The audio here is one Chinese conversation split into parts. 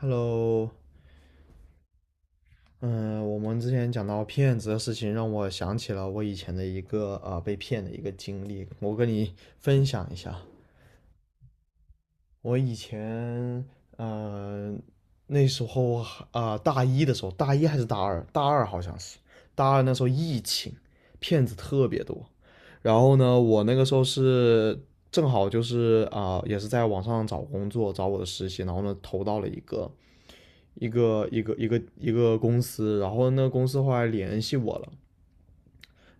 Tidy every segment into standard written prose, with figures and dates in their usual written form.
Hello，嗯，我们之前讲到骗子的事情，让我想起了我以前的一个被骗的一个经历，我跟你分享一下。我以前，呃，那时候啊、大一的时候，大一还是大二？大二好像是，大二那时候疫情，骗子特别多。然后呢，我那个时候是正好就是啊、也是在网上找工作，找我的实习，然后呢投到了一个。一个公司，然后那个公司后来联系我了，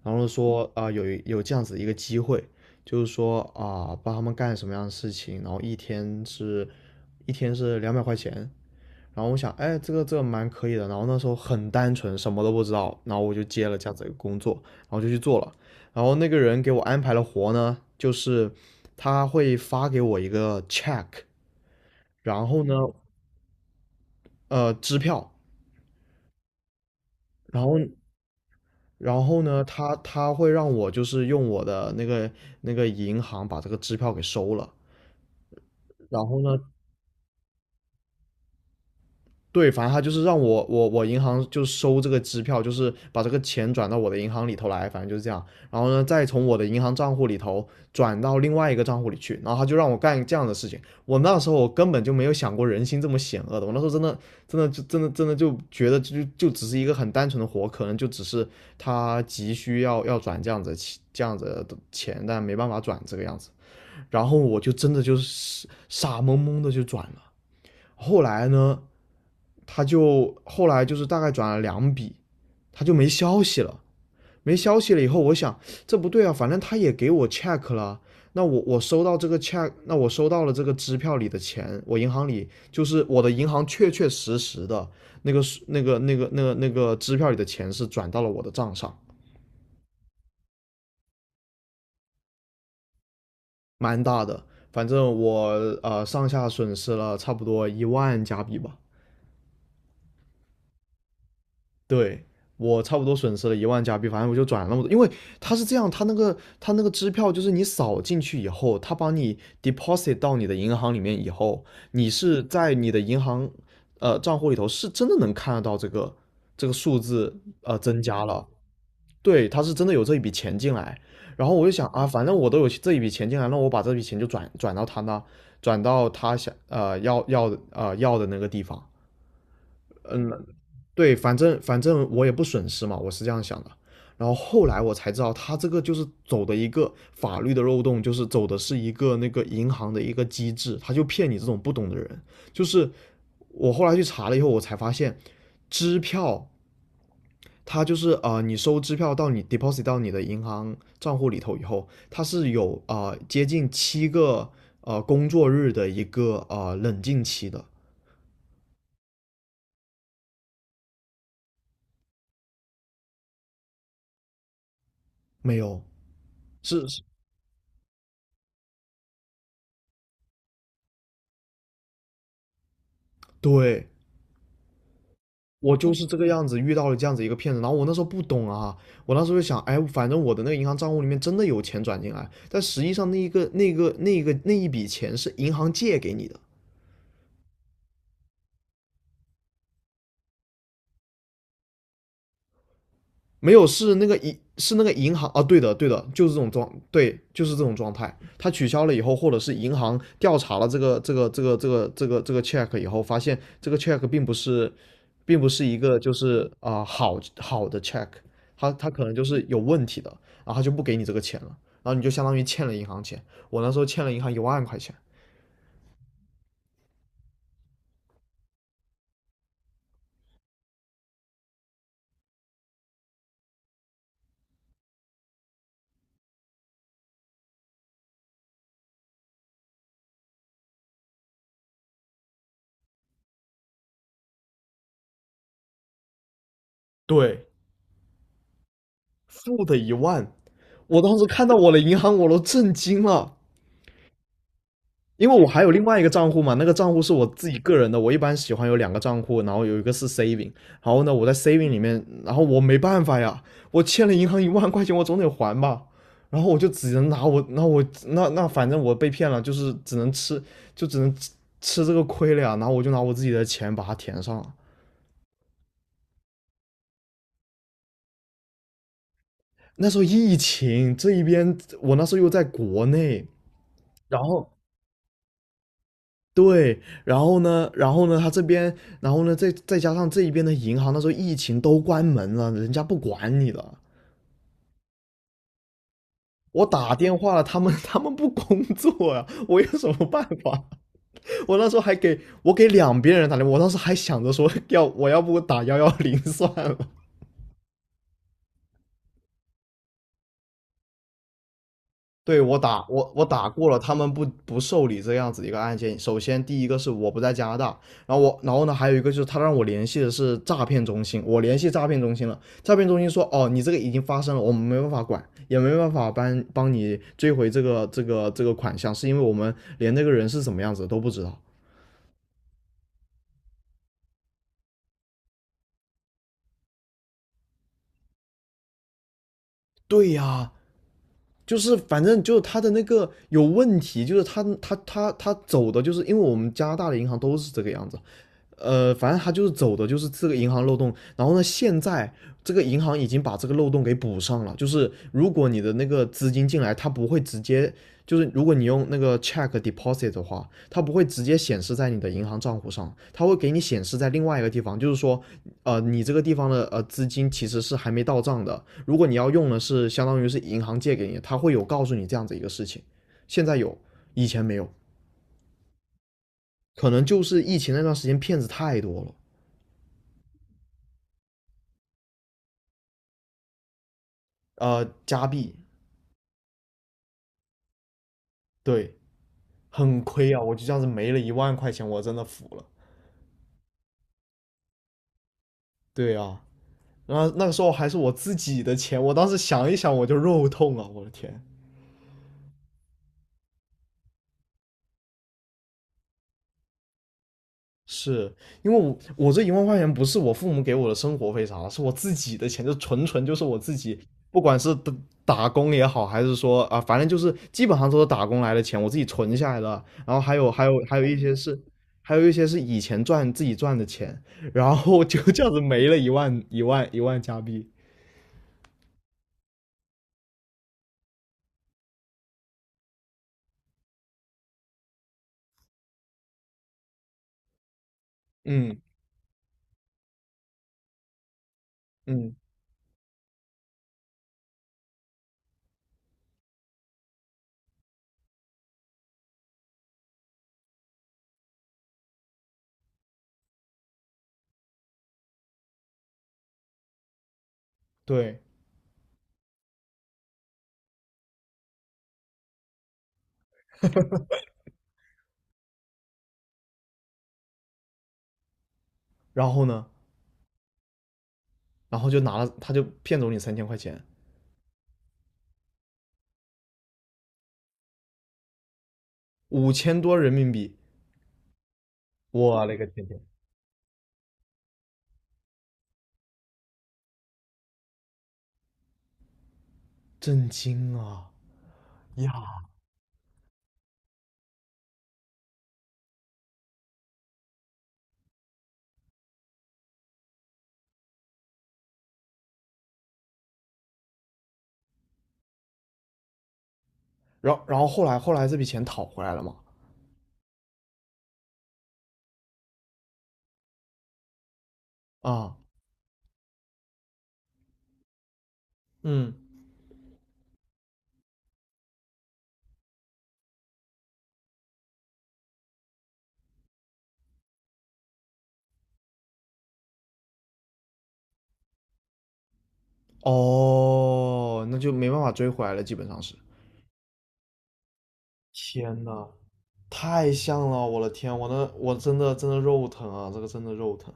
然后说啊、有这样子一个机会，就是说啊、帮他们干什么样的事情，然后一天是200块钱，然后我想哎这个蛮可以的，然后那时候很单纯，什么都不知道，然后我就接了这样子一个工作，然后就去做了，然后那个人给我安排了活呢，就是他会发给我一个 check，然后呢支票，然后然后呢，他会让我就是用我的那个银行把这个支票给收了，然后呢，对，反正他就是让我银行就收这个支票，就是把这个钱转到我的银行里头来，反正就是这样。然后呢，再从我的银行账户里头转到另外一个账户里去。然后他就让我干这样的事情。我那时候我根本就没有想过人心这么险恶的，我那时候真的就觉得就只是一个很单纯的活，可能就只是他急需要转这样子的钱，但没办法转这个样子。然后我就真的就是傻懵懵的就转了。后来呢，他就后来就是大概转了两笔，他就没消息了。没消息了以后，我想这不对啊，反正他也给我 check 了，那我收到这个 check，那我收到了这个支票里的钱，我银行里就是我的银行确确实实的那个支票里的钱是转到了我的账上，蛮大的，反正我上下损失了差不多一万加币吧。对我差不多损失了一万加币，反正我就转了那么多，因为他是这样，他那个支票就是你扫进去以后，他把你 deposit 到你的银行里面以后，你是在你的银行账户里头是真的能看得到这个数字增加了，对，他是真的有这一笔钱进来，然后我就想啊，反正我都有这一笔钱进来，那我把这笔钱就转到他那，转到他想要的那个地方，对，反正我也不损失嘛，我是这样想的。然后后来我才知道，他这个就是走的一个法律的漏洞，就是走的是一个那个银行的一个机制，他就骗你这种不懂的人。就是我后来去查了以后，我才发现，支票它就是你收支票到你 deposit 到你的银行账户里头以后，它是有接近7个工作日的一个冷静期的，没有，是，对。我就是这个样子遇到了这样子一个骗子，然后我那时候不懂啊，我那时候就想，哎，反正我的那个银行账户里面真的有钱转进来，但实际上那一个那一笔钱是银行借给你的，没有，是那个银行啊，对的对的，就是这种状，对，就是这种状态。他取消了以后，或者是银行调查了这个 check 以后，发现这个 check 并不是，一个就是啊、好好的 check，他可能就是有问题的，然后他就不给你这个钱了，然后你就相当于欠了银行钱。我那时候欠了银行一万块钱，对，负的10,000，我当时看到我的银行我都震惊了。因为我还有另外一个账户嘛，那个账户是我自己个人的，我一般喜欢有两个账户，然后有一个是 saving，然后呢我在 saving 里面，然后我没办法呀，我欠了银行一万块钱，我总得还吧，然后我就只能拿我，那反正我被骗了，就是只能吃，就只能吃这个亏了呀，然后我就拿我自己的钱把它填上了。那时候疫情这一边，我那时候又在国内，然后对，然后呢，他这边，然后呢，再加上这一边的银行，那时候疫情都关门了，人家不管你了。我打电话了，他们不工作啊，我有什么办法？我那时候还给我给两边人打电话，我当时还想着说要我要不打110算了。对，我打过了，他们不受理这样子一个案件。首先，第一个是我不在加拿大，然后我然后呢，还有一个就是他让我联系的是诈骗中心，我联系诈骗中心了，诈骗中心说哦，你这个已经发生了，我们没办法管，也没办法帮帮你追回这个款项，是因为我们连那个人是什么样子都不知道。对呀，就是反正就是他的那个有问题，就是他走的，就是因为我们加拿大的银行都是这个样子，反正他就是走的就是这个银行漏洞，然后呢，现在这个银行已经把这个漏洞给补上了，就是如果你的那个资金进来，它不会直接，就是如果你用那个 check deposit 的话，它不会直接显示在你的银行账户上，它会给你显示在另外一个地方，就是说，你这个地方的资金其实是还没到账的，如果你要用的是相当于是银行借给你它会有告诉你这样子一个事情，现在有，以前没有，可能就是疫情那段时间骗子太多了。加币，对，很亏啊！我就这样子没了一万块钱，我真的服了。对啊，然后那个时候还是我自己的钱，我当时想一想我就肉痛啊！我的天，是因为我这一万块钱不是我父母给我的生活费啥的，是我自己的钱，就纯纯就是我自己，不管是打工也好，还是说啊，反正就是基本上都是打工来的钱，我自己存下来的。然后还有一些是，还有一些是以前赚自己赚的钱，然后就这样子没了一万加币。嗯嗯，对。然后呢，然后就拿了，他就骗走你3000块钱，5000多人民币，我勒个天，震惊啊！呀，然后后来这笔钱讨回来了嘛？啊，嗯，哦，那就没办法追回来了，基本上是。天呐，太像了，我的天，我真的肉疼啊，这个真的肉疼。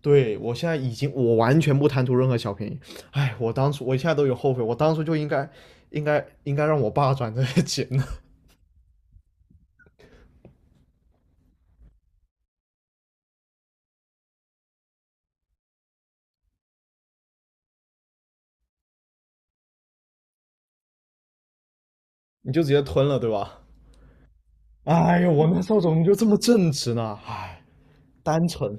对，我现在已经，我完全不贪图任何小便宜。哎，我当初，我现在都有后悔，我当初就应该，应该，应该让我爸转这些钱呢，你就直接吞了，对吧？哎呦，我那时候怎么就这么正直呢？哎，单纯。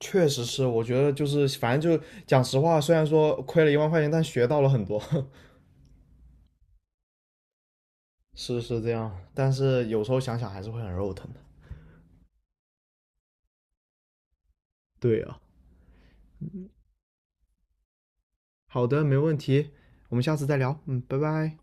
确实是，我觉得就是反正就讲实话，虽然说亏了一万块钱，但学到了很多，是这样，但是有时候想想还是会很肉疼的。对啊，好的，没问题，我们下次再聊，嗯，拜拜。